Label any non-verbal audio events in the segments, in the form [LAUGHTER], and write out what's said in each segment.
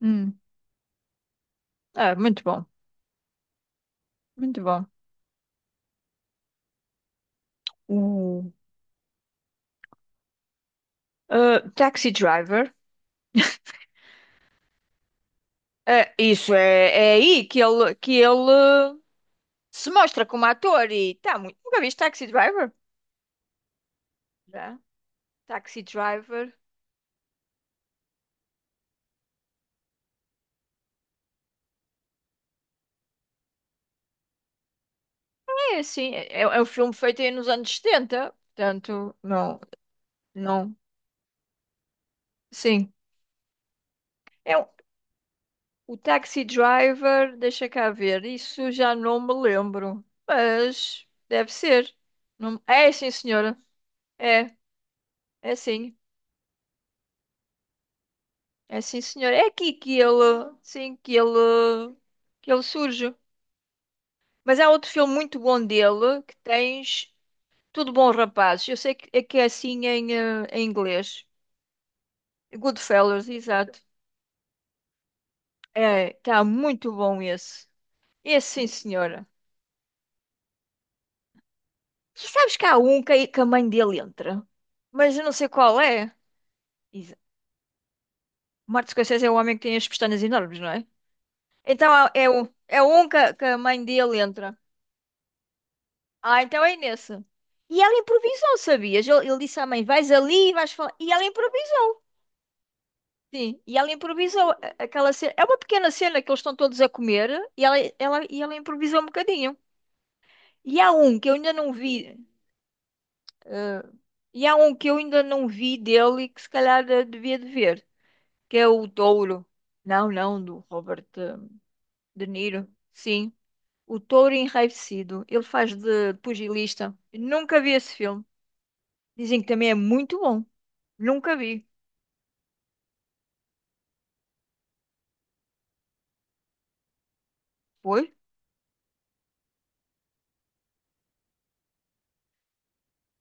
Hum. Ah, muito bom, muito bom. O Ah, Taxi Driver. Ah, isso é aí que ele se mostra como ator e tá muito. Nunca viste Taxi Driver? Já. Taxi Driver. É assim, é um filme feito aí nos anos setenta portanto, não, não. Sim. É um- o Taxi Driver, deixa cá ver, isso já não me lembro, mas deve ser. É sim, senhora. É, é sim. É sim, senhor. É aqui que ele, sim, que ele surge. Mas há outro filme muito bom dele que tens Tudo Bom, Rapazes. Eu sei que é assim em, em inglês. Goodfellas, exato. É, está muito bom esse. Esse, sim, senhora. E sabes que há um que, que a mãe dele entra, mas eu não sei qual é. Exa- Martin Scorsese é o homem que tem as pestanas enormes, não é? É um que, que a mãe dele entra. Ah, então é nessa. E ela improvisou, sabias? Ele disse à mãe: vais ali, e vais falar. E ela improvisou. Sim, e ela improvisou aquela cena. É uma pequena cena que eles estão todos a comer e ela improvisou um bocadinho. E há um que eu ainda não vi, e há um que eu ainda não vi dele e que se calhar devia de ver, que é o Touro. Não, não, do Robert De Niro. Sim, o Touro Enraivecido. Ele faz de pugilista. Eu Nunca vi esse filme. Dizem que também é muito bom. Nunca vi. Foi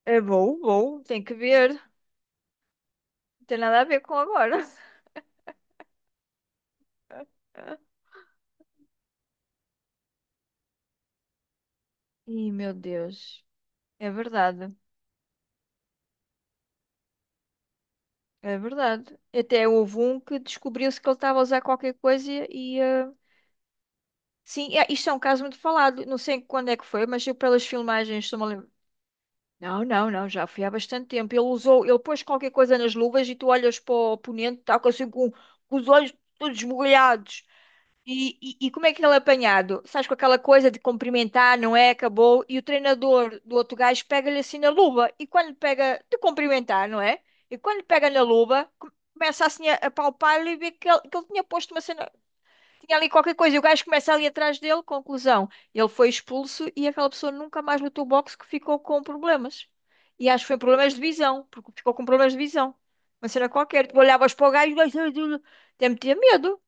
É bom, bom, tem que ver. Não tem nada a ver com agora. [LAUGHS] Ih, meu Deus. É verdade, é verdade. Até houve um que descobriu-se que ele estava a usar qualquer coisa. Sim, é, isto é um caso muito falado. Não sei quando é que foi, mas eu pelas filmagens estou-me a lembrar. Não, não, não, já foi há bastante tempo. Ele usou, ele pôs qualquer coisa nas luvas e tu olhas para o oponente, está assim com os olhos todos esbugalhados. E como é que ele é apanhado? Sabes, com aquela coisa de cumprimentar, não é? Acabou. E o treinador do outro gajo pega-lhe assim na luva. E quando pega, de cumprimentar, não é? E quando pega na luva, começa assim a palpar-lhe e vê que ele tinha posto uma cena, tinha ali qualquer coisa. E o gajo começa ali atrás dele. Conclusão: ele foi expulso e aquela pessoa nunca mais lutou boxe que ficou com problemas. E acho que foi problemas de visão, porque ficou com problemas de visão. Uma cena qualquer. Tu olhavas para o gajo e o gajo. Tem-me medo.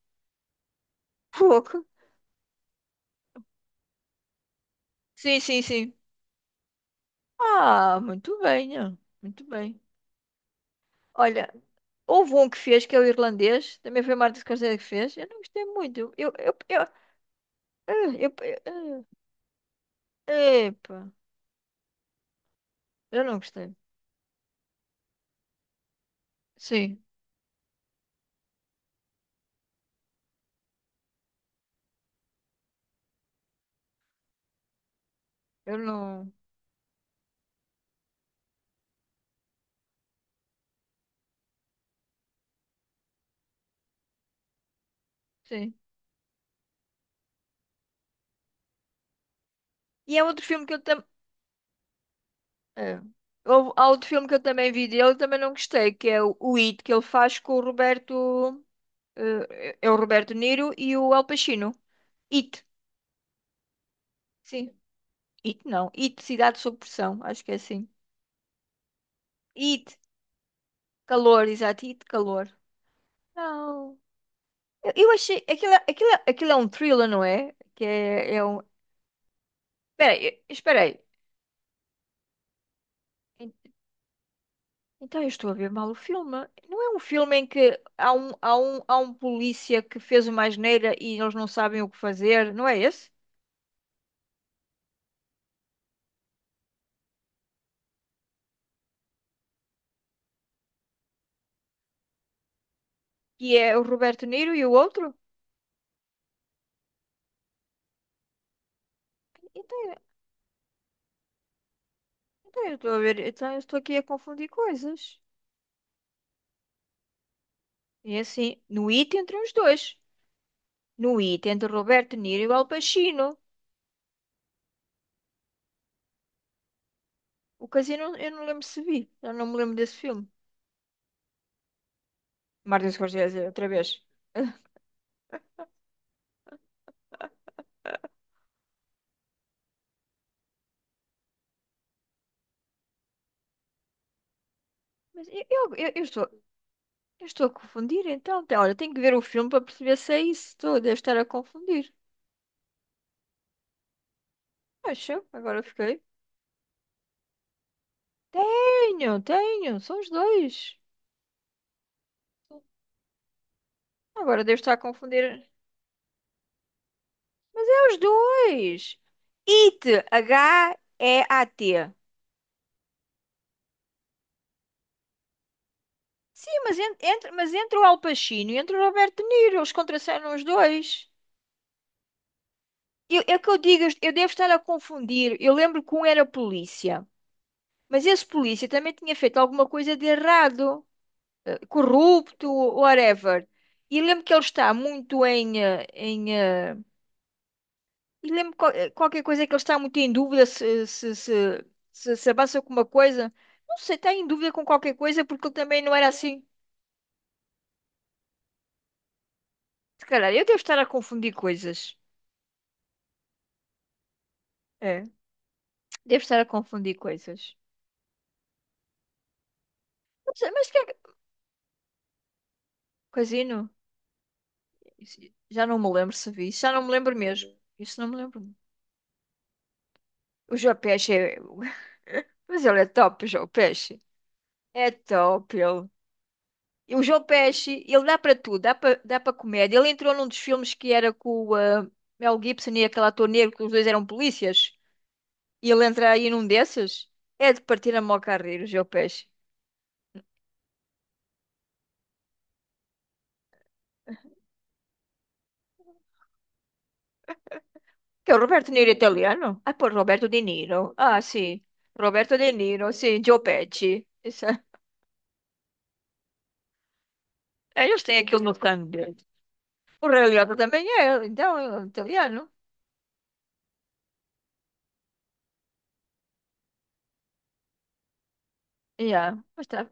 Fogo. Sim, sim, sim. Ah, muito bem, ó. Muito bem. Olha, houve um que fez, que é o irlandês, também foi o Martin Scorsese que fez. Eu não gostei muito. Eu, eu, ah, epa, eu não gostei. Sim, eu não. Sim. E há outro filme que eu também. Há outro filme que eu também vi dele, também não gostei, que é o It, que ele faz com o Roberto. É o Roberto Niro e o Al Pacino. It, sim. It não. It, Cidade sob Pressão, acho que é assim. It. Calor, exato, e de calor. Não. Eu achei. Aquilo é um thriller, não é? Que é um. Espera aí, espera aí. En- Então eu estou a ver mal o filme. Não é um filme em que há um polícia que fez uma asneira e eles não sabem o que fazer, não é esse? Que é o Roberto Niro e o outro? Então, então eu estou a ver. Então eu estou aqui a confundir coisas. E assim, no It entre os dois. No It entre o Roberto Niro e o Al Pacino. O Casino, eu não lembro se vi. Eu não me lembro desse filme. Martin Scorsese, outra vez. Mas eu estou a confundir, então. Olha, tenho que ver o filme para perceber se é isso. Estou, devo estar a confundir. Acho, agora fiquei. Tenho, tenho, são os dois. Agora devo estar a confundir. É os dois! IT, Heat. Sim, mas, mas entre o Al Pacino e entre o Roberto De Niro, eles contracenam os dois. Eu, é o que eu digo, eu devo estar a confundir. Eu lembro que um era polícia, mas esse polícia também tinha feito alguma coisa de errado, corrupto, whatever. E lembro que ele está muito em, e lembro qualquer coisa que ele está muito em dúvida se avança com uma coisa. Não sei, está em dúvida com qualquer coisa porque ele também não era assim. Se calhar, eu devo estar a confundir coisas. É, devo estar a confundir coisas. Mas que é que... Casino? Isso- Já não me lembro se vi. Isso já não me lembro mesmo. Isso não me lembro. O João Pesci é. [LAUGHS] Mas ele é top, o João Pesci. É top, ele. E o João Pesci, ele dá para tudo, dá para dá para comédia. Ele entrou num dos filmes que era com o Mel Gibson e aquele ator negro, que os dois eram polícias. E ele entra aí num desses. É de partir a mó carreira, o João Pesci. Que é o Roberto De Niro italiano? Ah, pô, Roberto De Niro. Ah, sim. Roberto De Niro, sim, Joe Pesci. Isso é. É, Eles têm aquilo no sangue O Reliota também é, então, é italiano. Yeah, mas tá.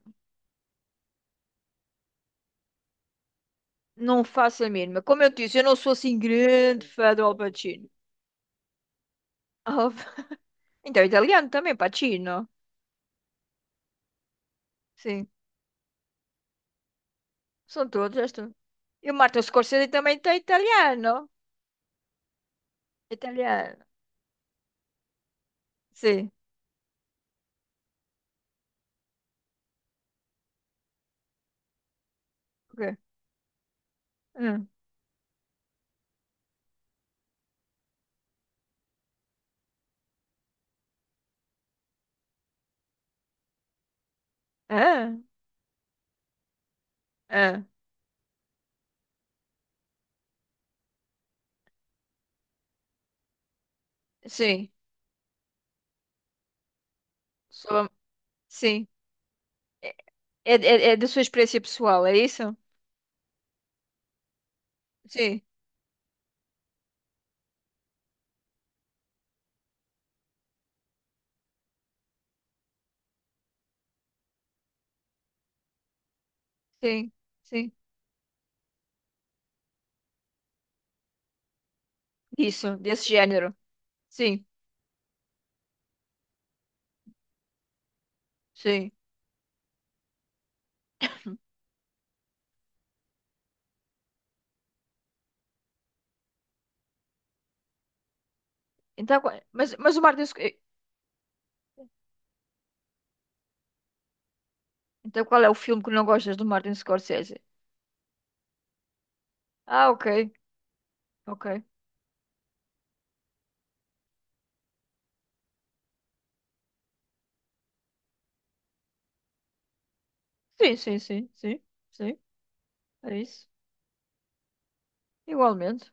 Não faço a mínima. Como eu te disse, eu não sou assim grande fã do Al Pacino. Al- [LAUGHS] Então, italiano também, Pacino. Sim, são todos. Estes. E o Martin Scorsese também tem italiano. Italiano. Sim. Ok. Hum. Ah, ah, sim. Sou- sim. É, é da sua experiência pessoal, é isso? Sim, sim, sim. Isso, desse género. Sim, sim. Então, qual- mas, mas o Martin Sc- eh, Então qual é o filme que não gostas do Martin Scorsese? Ah, ok, ok. Sim, sim, sim, sim, sim, é isso. Igualmente.